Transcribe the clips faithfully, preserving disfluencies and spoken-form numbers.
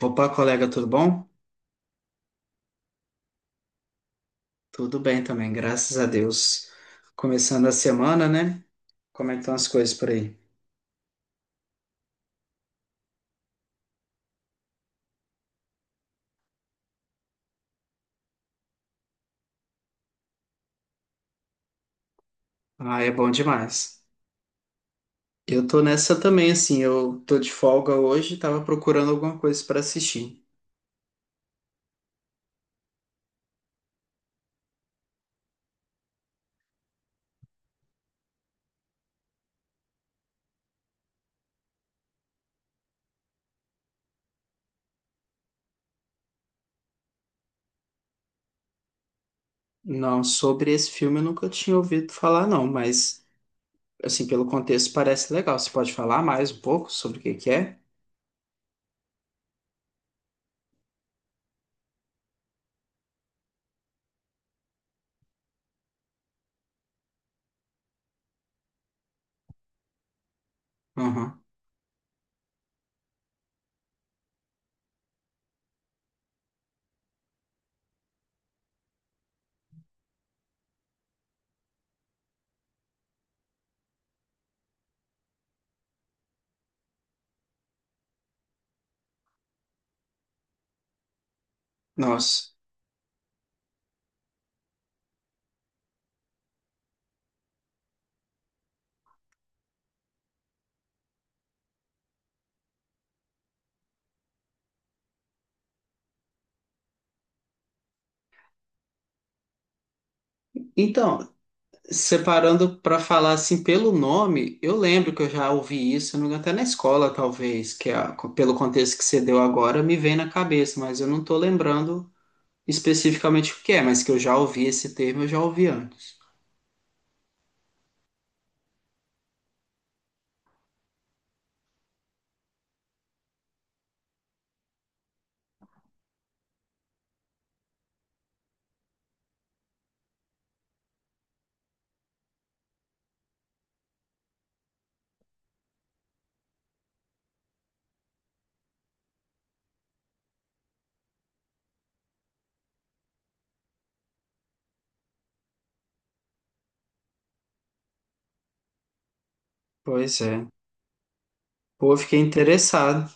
Opa, colega, tudo bom? Tudo bem também, graças a Deus. Começando a semana, né? Como é que estão as coisas por aí? Ah, é bom demais. Eu tô nessa também, assim, eu tô de folga hoje, tava procurando alguma coisa para assistir. Não, sobre esse filme eu nunca tinha ouvido falar, não, mas, assim, pelo contexto parece legal. Você pode falar mais um pouco sobre o que que é? Aham. Nossa. Então, Separando para falar assim pelo nome, eu lembro que eu já ouvi isso, se não me engano, até na escola, talvez, que é a- pelo contexto que você deu agora, me vem na cabeça, mas eu não tô lembrando especificamente o que é, mas que eu já ouvi esse termo, eu já ouvi antes. Pois é. Pô, eu fiquei interessado.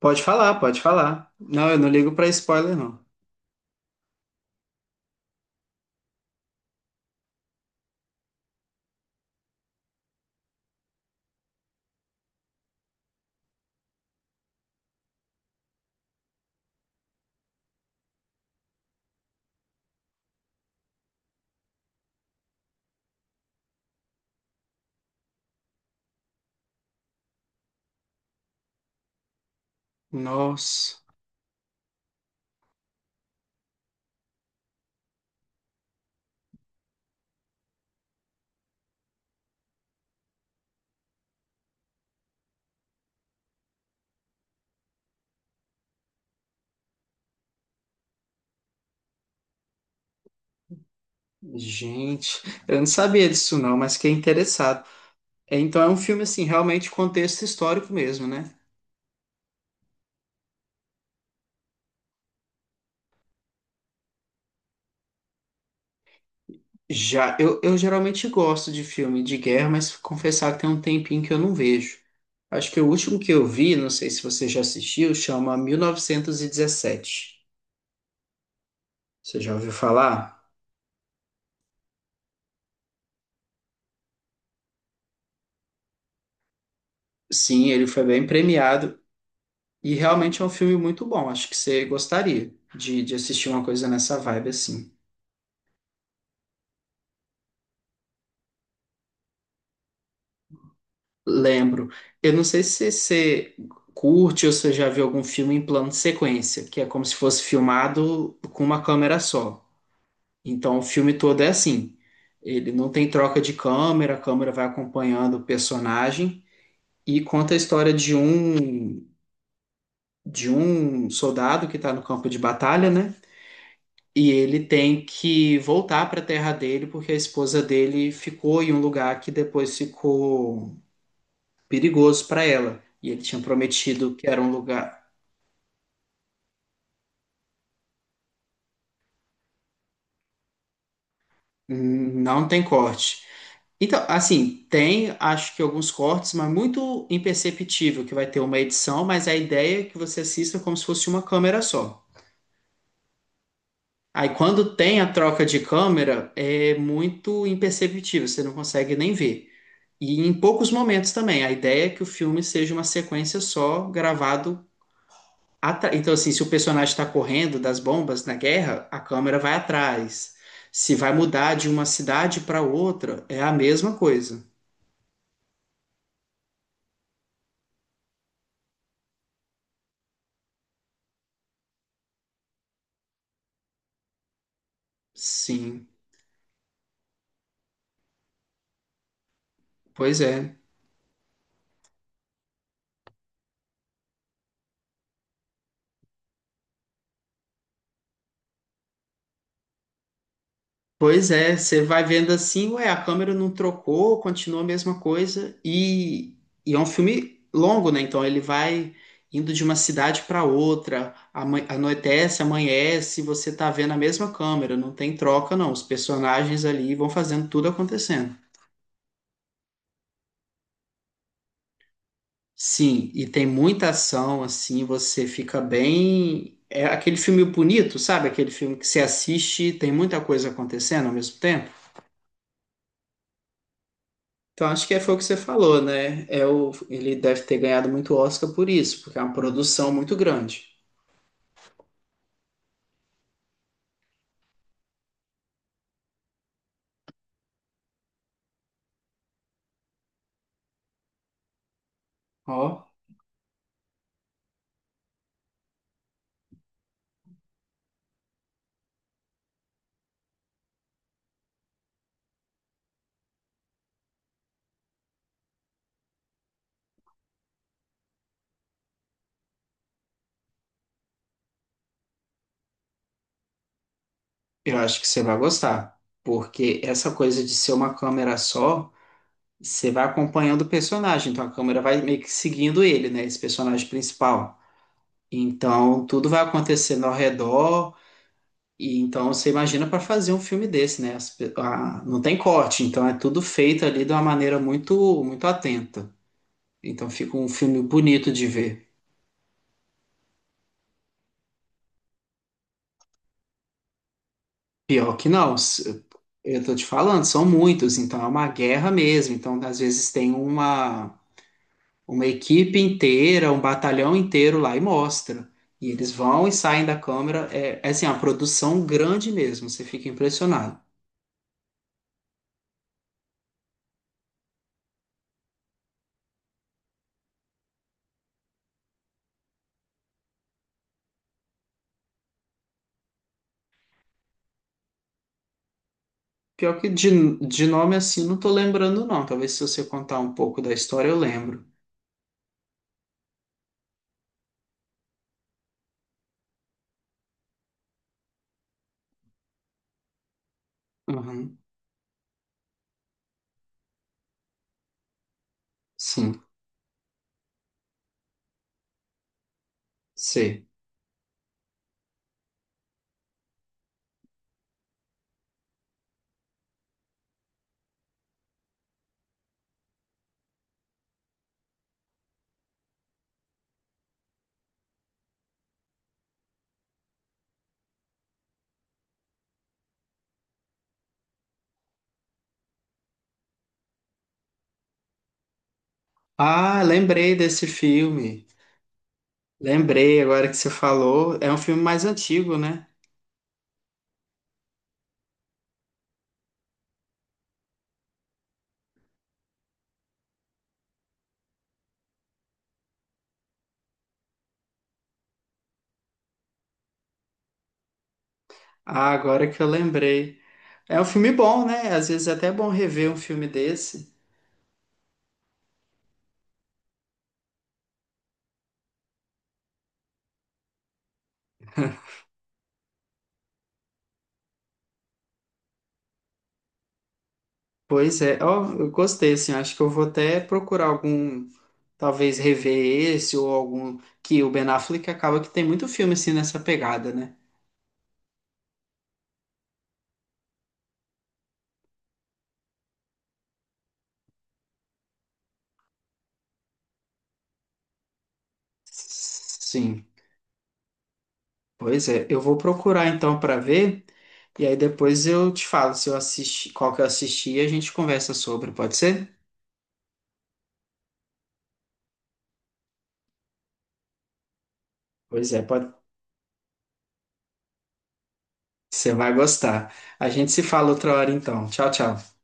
Pode falar, pode falar. Não, eu não ligo para spoiler, não. Nossa, gente, eu não sabia disso não, mas fiquei interessado. É, Então é um filme assim, realmente contexto histórico mesmo, né? Já, eu, eu geralmente gosto de filme de guerra, mas confessar que tem um tempinho que eu não vejo. Acho que o último que eu vi, não sei se você já assistiu, chama mil novecentos e dezessete. Você já ouviu falar? Sim, ele foi bem premiado e realmente é um filme muito bom. Acho que você gostaria de, de assistir uma coisa nessa vibe assim. Lembro. Eu não sei se você curte ou se você já viu algum filme em plano de sequência, que é como se fosse filmado com uma câmera só. Então, o filme todo é assim. Ele não tem troca de câmera, a câmera vai acompanhando o personagem e conta a história de um de um soldado que está no campo de batalha, né? E ele tem que voltar para a terra dele porque a esposa dele ficou em um lugar que depois ficou perigoso para ela. E ele tinha prometido que era um lugar. Não tem corte. Então, assim, tem acho que alguns cortes, mas muito imperceptível que vai ter uma edição, mas a ideia é que você assista como se fosse uma câmera só. Aí quando tem a troca de câmera, é muito imperceptível, você não consegue nem ver. E em poucos momentos também, a ideia é que o filme seja uma sequência só, gravado atrás. Então, assim, se o personagem está correndo das bombas na guerra, a câmera vai atrás. Se vai mudar de uma cidade para outra, é a mesma coisa. Sim, pois é. Pois é, você vai vendo assim, ué, a câmera não trocou, continua a mesma coisa. E, e é um filme longo, né? Então ele vai indo de uma cidade para outra, ama- anoitece, amanhece, você tá vendo a mesma câmera, não tem troca, não. Os personagens ali vão fazendo tudo acontecendo. Sim, e tem muita ação, assim, você fica bem. É aquele filme bonito, sabe? Aquele filme que você assiste, e tem muita coisa acontecendo ao mesmo tempo. Então, acho que é, foi o que você falou, né? É o, ele deve ter ganhado muito Oscar por isso, porque é uma produção muito grande. Ó, eu acho que você vai gostar, porque essa coisa de ser uma câmera só, você vai acompanhando o personagem, então a câmera vai meio que seguindo ele, né? Esse personagem principal. Então, tudo vai acontecendo ao redor, e então você imagina para fazer um filme desse, né? As pe- a- não tem corte, então é tudo feito ali de uma maneira muito, muito atenta. Então, fica um filme bonito de ver. Pior que não, s- eu tô te falando, são muitos, então é uma guerra mesmo. Então, às vezes, tem uma, uma equipe inteira, um batalhão inteiro lá e mostra. E eles vão e saem da câmera. É, é assim, é uma produção grande mesmo, você fica impressionado. Pior que de, de nome assim, não tô lembrando, não. Talvez se você contar um pouco da história, eu lembro. Uhum. Sim, sei. Ah, lembrei desse filme. Lembrei agora que você falou. É um filme mais antigo, né? Ah, agora que eu lembrei. É um filme bom, né? Às vezes é até bom rever um filme desse. Pois é, ó, eu gostei, assim, acho que eu vou até procurar algum, talvez rever esse ou algum que o Ben Affleck acaba que tem muito filme assim nessa pegada, né? Sim, pois é, eu vou procurar então para ver e aí depois eu te falo se eu assisti, qual que eu assisti e a gente conversa sobre, pode ser? Pois é, pode, você vai gostar. A gente se fala outra hora então. Tchau, tchau.